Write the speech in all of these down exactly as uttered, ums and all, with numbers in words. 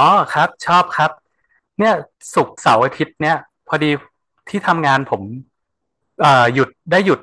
อ๋อครับชอบครับเนี่ยศุกร์เสาร์อาทิตย์เนี่ยพอดีที่ทำงานผมเอ่อหยุดได้หยุด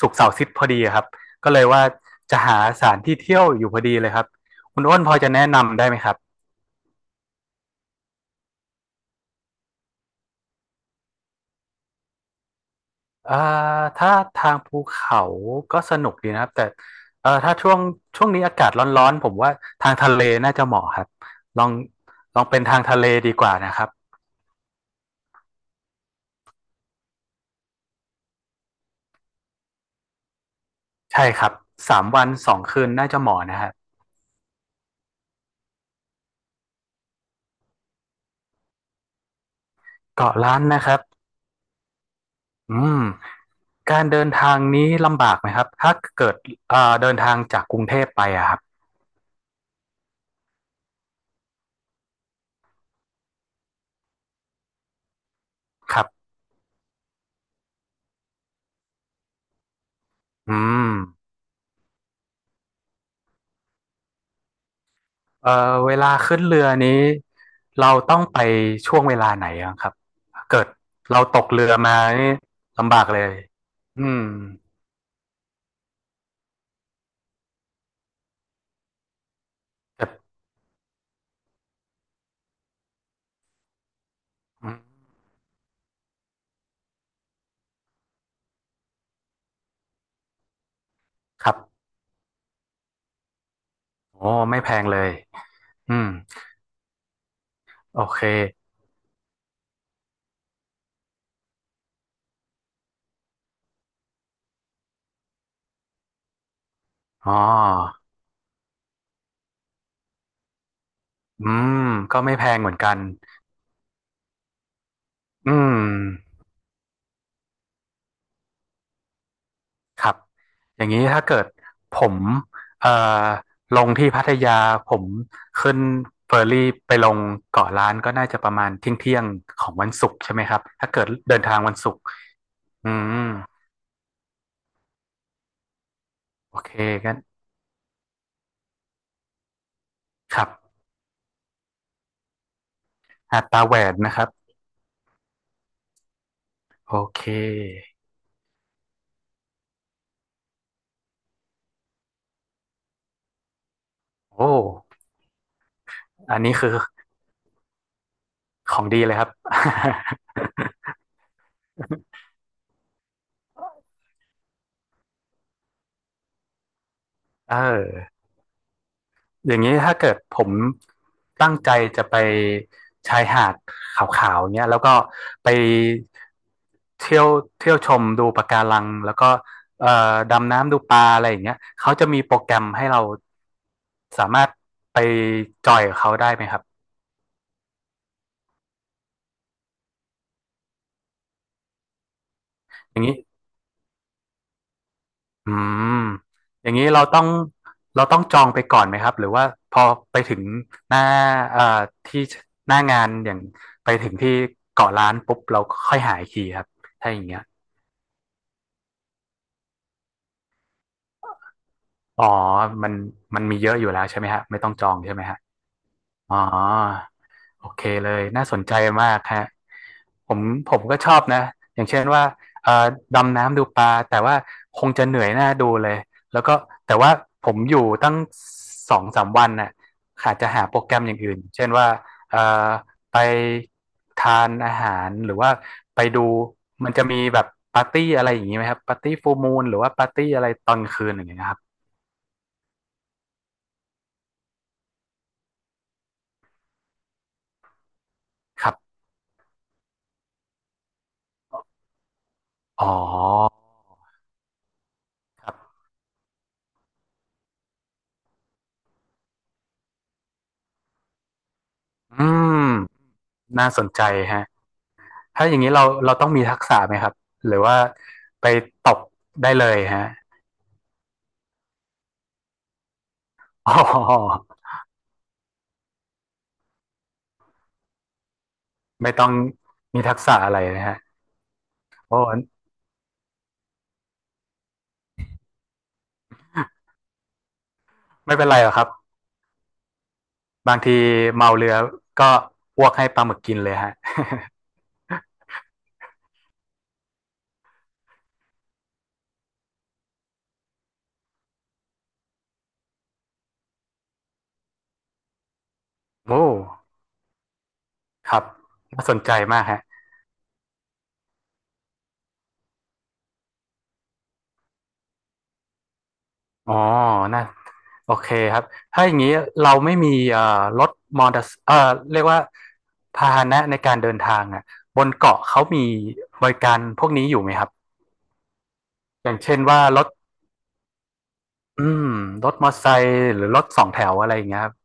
ศุกร์เสาร์อาทิตย์พอดีครับก็เลยว่าจะหาสถานที่เที่ยวอยู่พอดีเลยครับคุณอ้นพอจะแนะนำได้ไหมครับเอ่อถ้าทางภูเขาก็สนุกดีนะครับแต่เอ่อถ้าช่วงช่วงนี้อากาศร้อนๆผมว่าทางทะเลน่าจะเหมาะครับลองลองเป็นทางทะเลดีกว่านะครับใช่ครับสามวันสองคืนน่าจะเหมาะนะครับเกาะล้านนะครับอืม การเดินทางนี้ลำบากไหมครับถ้าเกิดเอ่อเดินทางจากกรุงเทพไปอะครับครับอืมเอ่อเวลาขึ้นเรือนี้เราต้องไปช่วงเวลาไหนอะครับเกิดเราตกเรือมานี่ลำบากเลยอืมแต่อืมครับโอ้ไม่แพงเลยอืมโอเคอ๋ออืมก็ไม่แพงเหมือนกันอืม ครับอย่างนี้ถ้าเกิดผมเอ่อลงที่พัทยาผมขึ้นเฟอร์รี่ไปลงเกาะล้านก็น่าจะประมาณเที่ยงเที่ยงของวันศุกร์ใช่ไหมครับถ้าเกิดเดินทางวันศุกร์อืมโอเคกันครับหาดตาแหวนนะครับโอเคโอ้อันนี้คือของดีเลยครับ เออ อย่างนี้ถ้าเกิดผมตั้งใจจะไปชายหาดขาวๆเนี้ยแล้วก็ไปเที่ยวเที่ยวชมดูปะการังแล้วก็เอ่อดำน้ำดูปลาอะไรอย่างเงี้ยเขาจะมีโปรแกรมให้เราสามารถไปจอยกับเขาได้ไหมครับอย่างนี้อืมอย่างนี้เราต้องเราต้องจองไปก่อนไหมครับหรือว่าพอไปถึงหน้าเอ่อที่หน้างานอย่างไปถึงที่เกาะล้านปุ๊บเราค่อยหาอีกทีครับถ้าอย่างเงี้ย อ๋อมันมันมีเยอะอยู่แล้วใช่ไหมฮะ ไม่ต้องจองใช่ไหมฮะ อ๋อโอเคเลย น่าสนใจมากฮะผมผมก็ชอบนะ อย่างเช่นว่าเอ่อดำน้ำดูปลา แต่ว่าคงจะเหนื่อยหน้าดูเลย แล้วก็ แต่ว่าผมอยู่ตั้งสองสามวันน่ะอาจจะหาโปรแกรมอย่างอื่น เช่นว่าเอ่อไปทานอาหาร หรือว่า ไปดู มันจะมีแบบปาร์ตี้อะไรอย่างนี้ไหมครับปาร์ตี้ฟูลมูนหรือว่าปาร์ตี้อะไรตอนคืนอย่างเงี้ยครับครับ อ๋อครับอืมน่าสนใจฮะถ้าอย่างนี้เราเราต้องมีทักษะไหมครับ หรือว่าไปตกได้เลยฮะ อ๋อไม่ต้องมีทักษะอะไรนะฮะโอ้ไม่เป็นไรหรอกครับบางทีเมาเรือก็อ้วกให้ปลาหมึกกินเลยฮะ โอ้ครับน่าสนใจมากฮะ อ๋อน่าโอเคครับ ถ้าอย่างนี้เราไม่มีเอ่อรถมอเตอร์เอ่อเรียกว่าพาหนะในการเดินทางอ่ะบนเกาะเขามีบริการพวกนี้อยู่ไหมครับอย่างเช่นว่ารถอืมรถมอเตอร์ไซค์หรือรถสองแถวอะไรอย่างเงี้ยครับ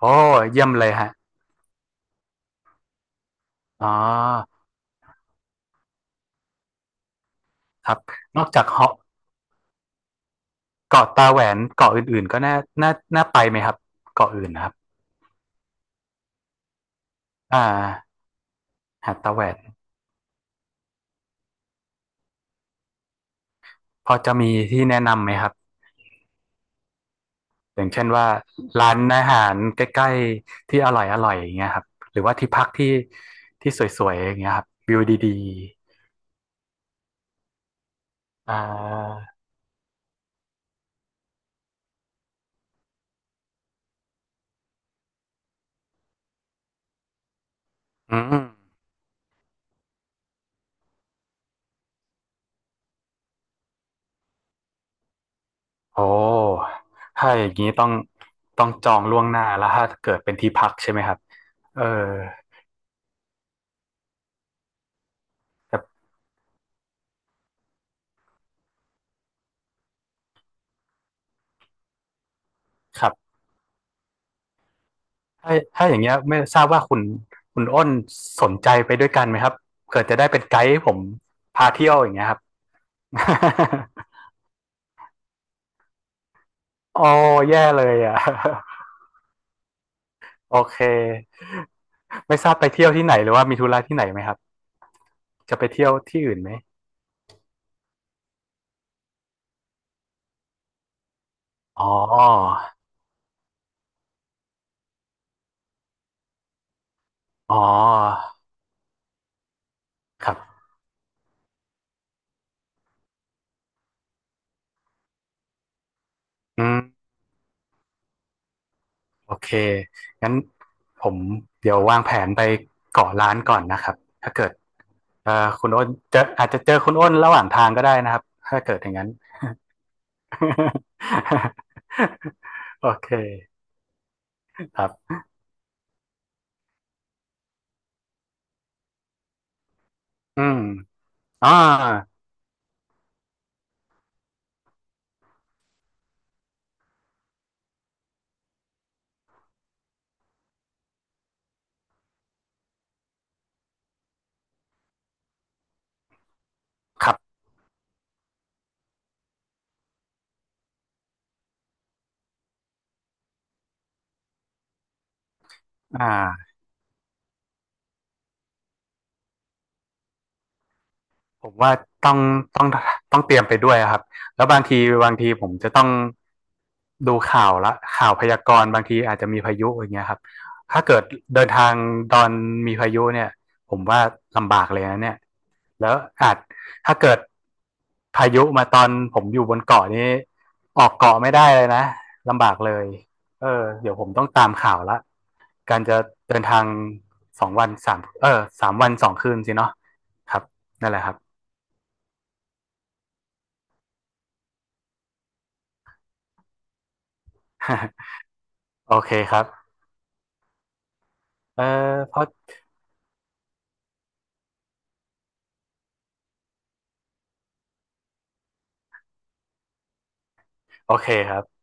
โอ้เยี่ยมเลยฮะอ๋อครับนอกจากเหาะเกาะตาแหวนเกาะอื่นๆก็น่าน่าน่าไปไหมครับเกาะอื่นนะครับอ่าหาดตาแหวนพอจะมีที่แนะนำไหมครับ อย่างเช่นว่าร้านอาหารใกล้ๆที่อร่อยอร่อยอย่างเงี้ยครับหรือว่าที่พักที่ที่สวยๆอย่างเงี้ยครับวิวดีๆอ่าอืมโอ้ถ้าอย่างนี้ต้องต้องจองล่วงหน้าแล้วถ้าเกิดเป็นที่พักใช่ไหมครับเออครับครับถ้าถ้าอย่างเงี้ยไม่ทราบว่าคุณคุณอ้นสนใจไปด้วยกันไหมครับเกิดจะได้เป็นไกด์ให้ผมพาเที่ยวอย่างเงี้ยครับ โอ้แย่เลยอ่ะ โอเค ไม่ทราบไปเที่ยวที่ไหนหรือว่ามีธุระที่ไหนไหมครับจะไปเที่ยวที่อื่นไหมอ๋ออ๋อครับอืมโอเคงั้นผมเดี๋ยววางแผนไปเกาะล้านก่อนนะครับถ้าเกิดเอ่อคุณอ้นเจออาจจะเจอคุณอ้นระหว่างทางก็ได้นะครับถ้าเกิดอย่างนั้น โอเคครับอืมอ่าครับอ่า ผมว่าต้องต้องต้องเตรียมไปด้วยอะครับแล้วบางทีบางทีผมจะต้องดูข่าวละข่าวพยากรณ์บางทีอาจจะมีพายุอย่างเงี้ยครับถ้าเกิดเดินทางตอนมีพายุเนี่ยผมว่าลำบากเลยนะเนี่ยแล้วอาจถ้าเกิดพายุมาตอนผมอยู่บนเกาะนี้ออกเกาะไม่ได้เลยนะลำบากเลยเออเดี๋ยวผมต้องตามข่าวละการจะเดินทางสองวันสามเออสามวันสองคืนสิเนาะครับนั่นแหละครับ โอเคครับเออเพราะโอเคครับ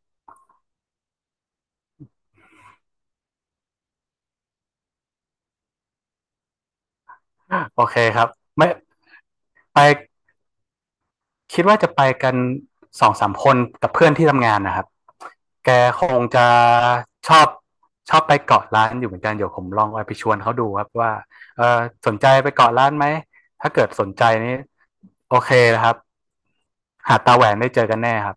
โอเคครับไม่ไปคิดว่าจะไปกันสองสามคนกับเพื่อนที่ทำงานนะครับแกคงจะชอบชอบไปเกาะร้านอยู่เหมือนกัน เดี๋ยวผมลองไปชวนเขาดูครับว่าเออสนใจไปเกาะร้านไหม ถ้าเกิดสนใจนี่โอเคนะครับหาดตาแหวนได้เจอกันแน่ครับ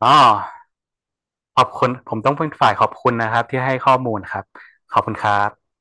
อ๋อขอบคุณผมต้องเป็นฝ่ายขอบคุณนะครับที่ให้ข้อมูลครับขอบคุณครับ